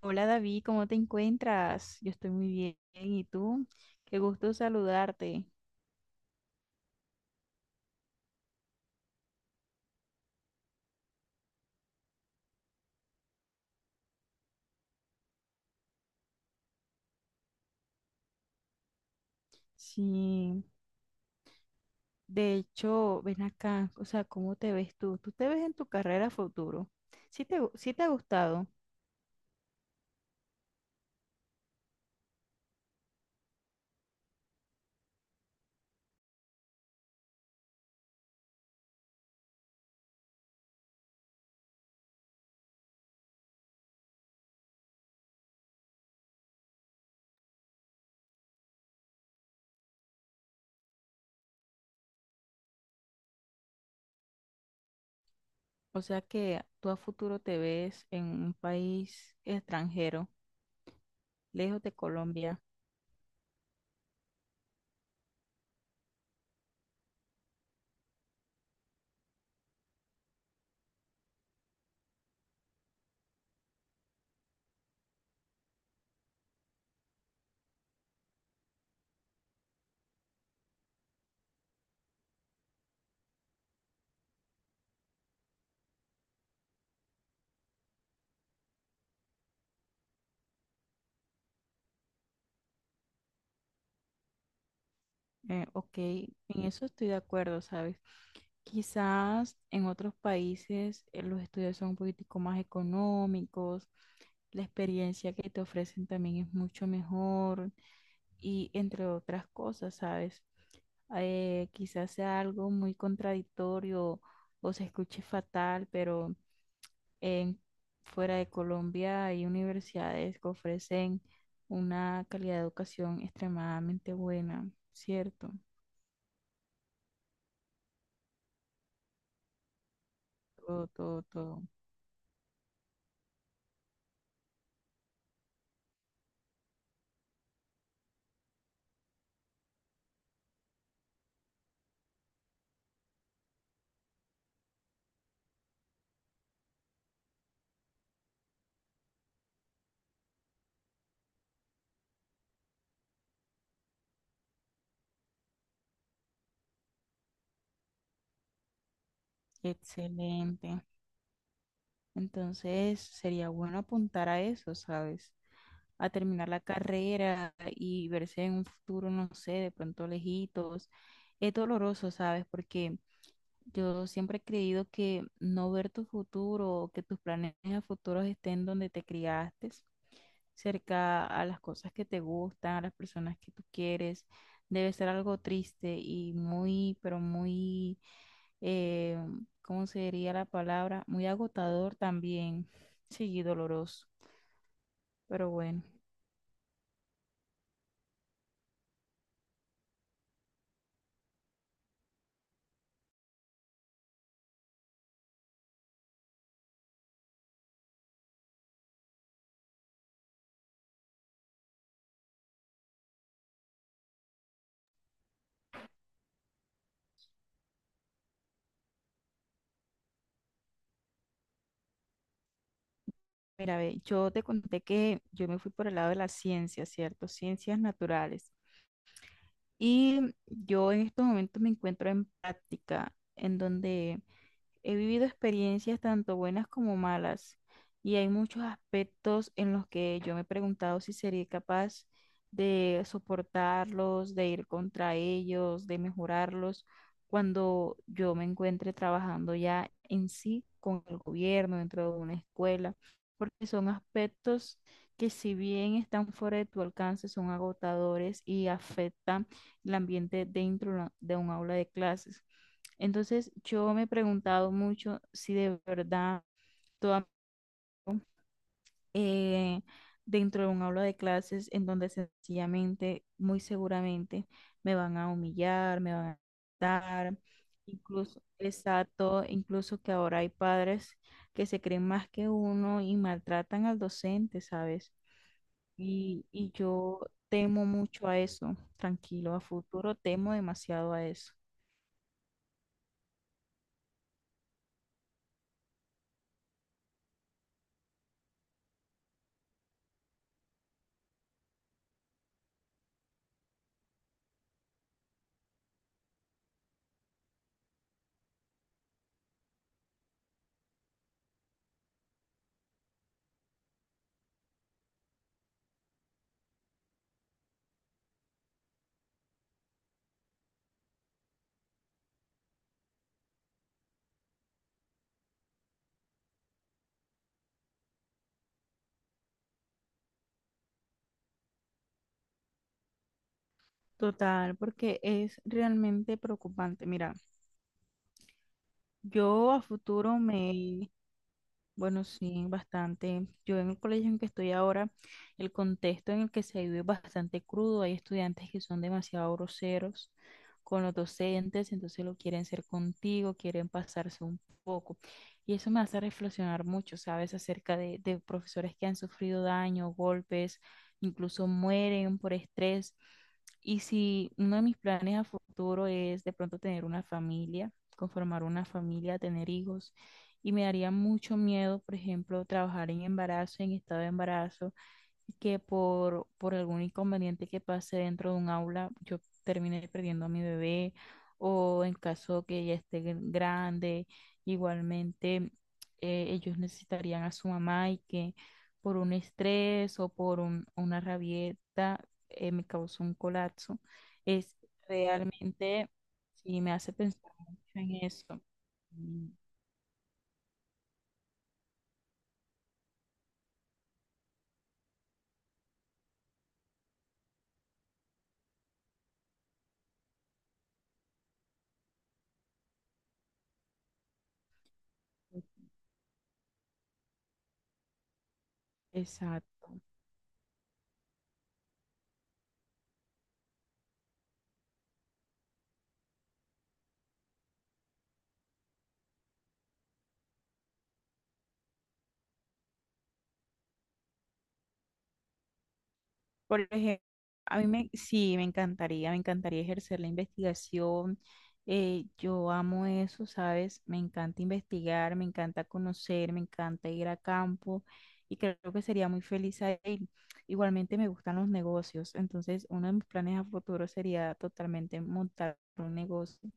Hola David, ¿cómo te encuentras? Yo estoy muy bien. ¿Y tú? Qué gusto saludarte. Sí, de hecho, ven acá, o sea, ¿cómo te ves tú? ¿Tú te ves en tu carrera a futuro? Sí te ha gustado? O sea, que tú a futuro te ves en un país extranjero, lejos de Colombia. Ok, en eso estoy de acuerdo, ¿sabes? Quizás en otros países los estudios son un poquitico más económicos, la experiencia que te ofrecen también es mucho mejor y entre otras cosas, ¿sabes? Quizás sea algo muy contradictorio o se escuche fatal, pero en, fuera de Colombia hay universidades que ofrecen una calidad de educación extremadamente buena, ¿cierto? Todo, todo, todo. Excelente. Entonces sería bueno apuntar a eso, ¿sabes? A terminar la carrera y verse en un futuro, no sé, de pronto lejitos. Es doloroso, ¿sabes? Porque yo siempre he creído que no ver tu futuro o que tus planes a futuro estén donde te criaste, cerca a las cosas que te gustan, a las personas que tú quieres, debe ser algo triste y muy, pero muy, eh, ¿cómo se diría la palabra? Muy agotador también, sí, y doloroso, pero bueno. Mira, ve, yo te conté que yo me fui por el lado de las ciencias, ¿cierto? Ciencias naturales. Y yo en estos momentos me encuentro en práctica, en donde he vivido experiencias tanto buenas como malas, y hay muchos aspectos en los que yo me he preguntado si sería capaz de soportarlos, de ir contra ellos, de mejorarlos cuando yo me encuentre trabajando ya en sí con el gobierno, dentro de una escuela, porque son aspectos que, si bien están fuera de tu alcance, son agotadores y afectan el ambiente dentro de de un aula de clases. Entonces yo me he preguntado mucho si de verdad toda, eh, dentro de un aula de clases en donde sencillamente, muy seguramente, me van a humillar, me van a dar, incluso, exacto, incluso que ahora hay padres que se creen más que uno y maltratan al docente, ¿sabes? Y yo temo mucho a eso, tranquilo, a futuro temo demasiado a eso. Total, porque es realmente preocupante. Mira, yo a futuro me, bueno, sí, bastante. Yo en el colegio en que estoy ahora, el contexto en el que se vive es bastante crudo. Hay estudiantes que son demasiado groseros con los docentes, entonces lo quieren ser contigo, quieren pasarse un poco. Y eso me hace reflexionar mucho, ¿sabes? Acerca de profesores que han sufrido daño, golpes, incluso mueren por estrés. Y si uno de mis planes a futuro es de pronto tener una familia, conformar una familia, tener hijos. Y me daría mucho miedo, por ejemplo, trabajar en embarazo, en estado de embarazo, y que por algún inconveniente que pase dentro de un aula, yo termine perdiendo a mi bebé, o en caso que ella esté grande, igualmente ellos necesitarían a su mamá, y que por un estrés o por una rabieta me causó un colapso. Es realmente, sí, me hace pensar mucho en eso. Mm. Exacto. Por ejemplo, a mí me, sí, me encantaría ejercer la investigación. Yo amo eso, ¿sabes? Me encanta investigar, me encanta conocer, me encanta ir a campo y creo que sería muy feliz ahí. Igualmente me gustan los negocios, entonces uno de mis planes a futuro sería totalmente montar un negocio.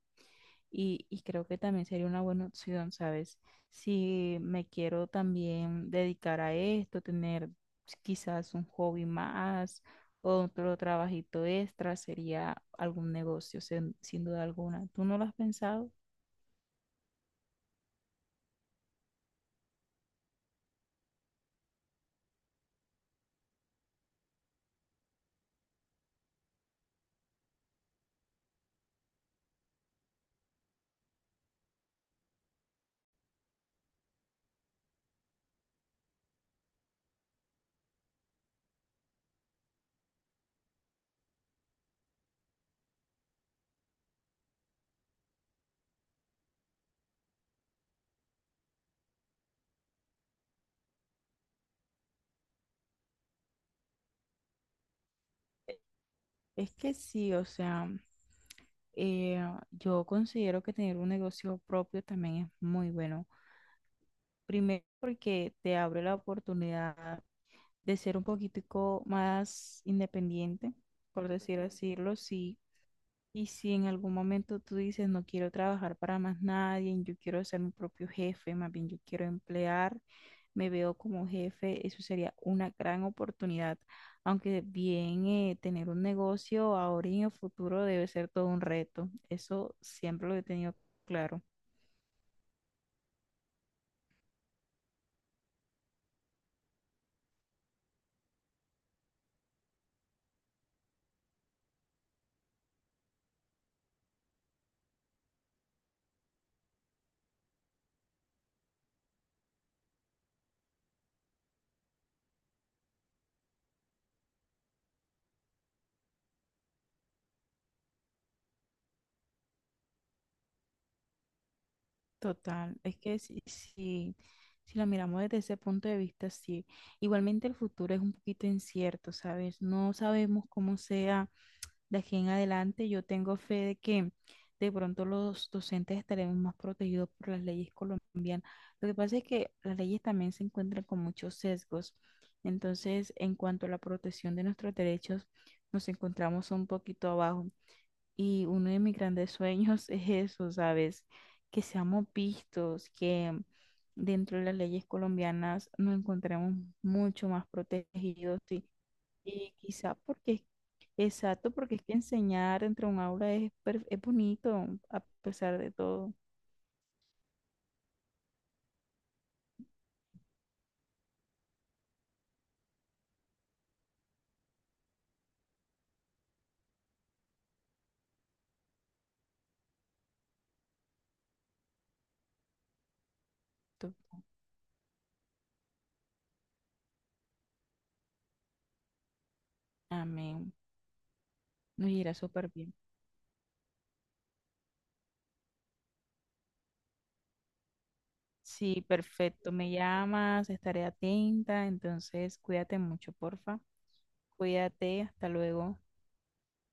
Y creo que también sería una buena opción, ¿sabes? Si me quiero también dedicar a esto, tener quizás un hobby más o otro trabajito extra, sería algún negocio, sin duda alguna. ¿Tú no lo has pensado? Es que sí, o sea, eh, yo considero que tener un negocio propio también es muy bueno. Primero porque te abre la oportunidad de ser un poquitico más independiente, por decir así, sí. Y si en algún momento tú dices, no quiero trabajar para más nadie, yo quiero ser mi propio jefe, más bien yo quiero emplear, me veo como jefe, eso sería una gran oportunidad. Aunque bien, tener un negocio ahora y en el futuro debe ser todo un reto. Eso siempre lo he tenido claro. Total, es que si lo miramos desde ese punto de vista, sí. Igualmente el futuro es un poquito incierto, ¿sabes? No sabemos cómo sea de aquí en adelante. Yo tengo fe de que de pronto los docentes estaremos más protegidos por las leyes colombianas. Lo que pasa es que las leyes también se encuentran con muchos sesgos. Entonces, en cuanto a la protección de nuestros derechos, nos encontramos un poquito abajo. Y uno de mis grandes sueños es eso, ¿sabes? Que seamos vistos, que dentro de las leyes colombianas nos encontremos mucho más protegidos. Y y quizá porque, exacto, porque es que enseñar entre un aula es, es bonito a pesar de todo. Tú- Amén. Nos irá súper bien. Sí, perfecto. Me llamas, estaré atenta. Entonces, cuídate mucho, porfa. Cuídate, hasta luego.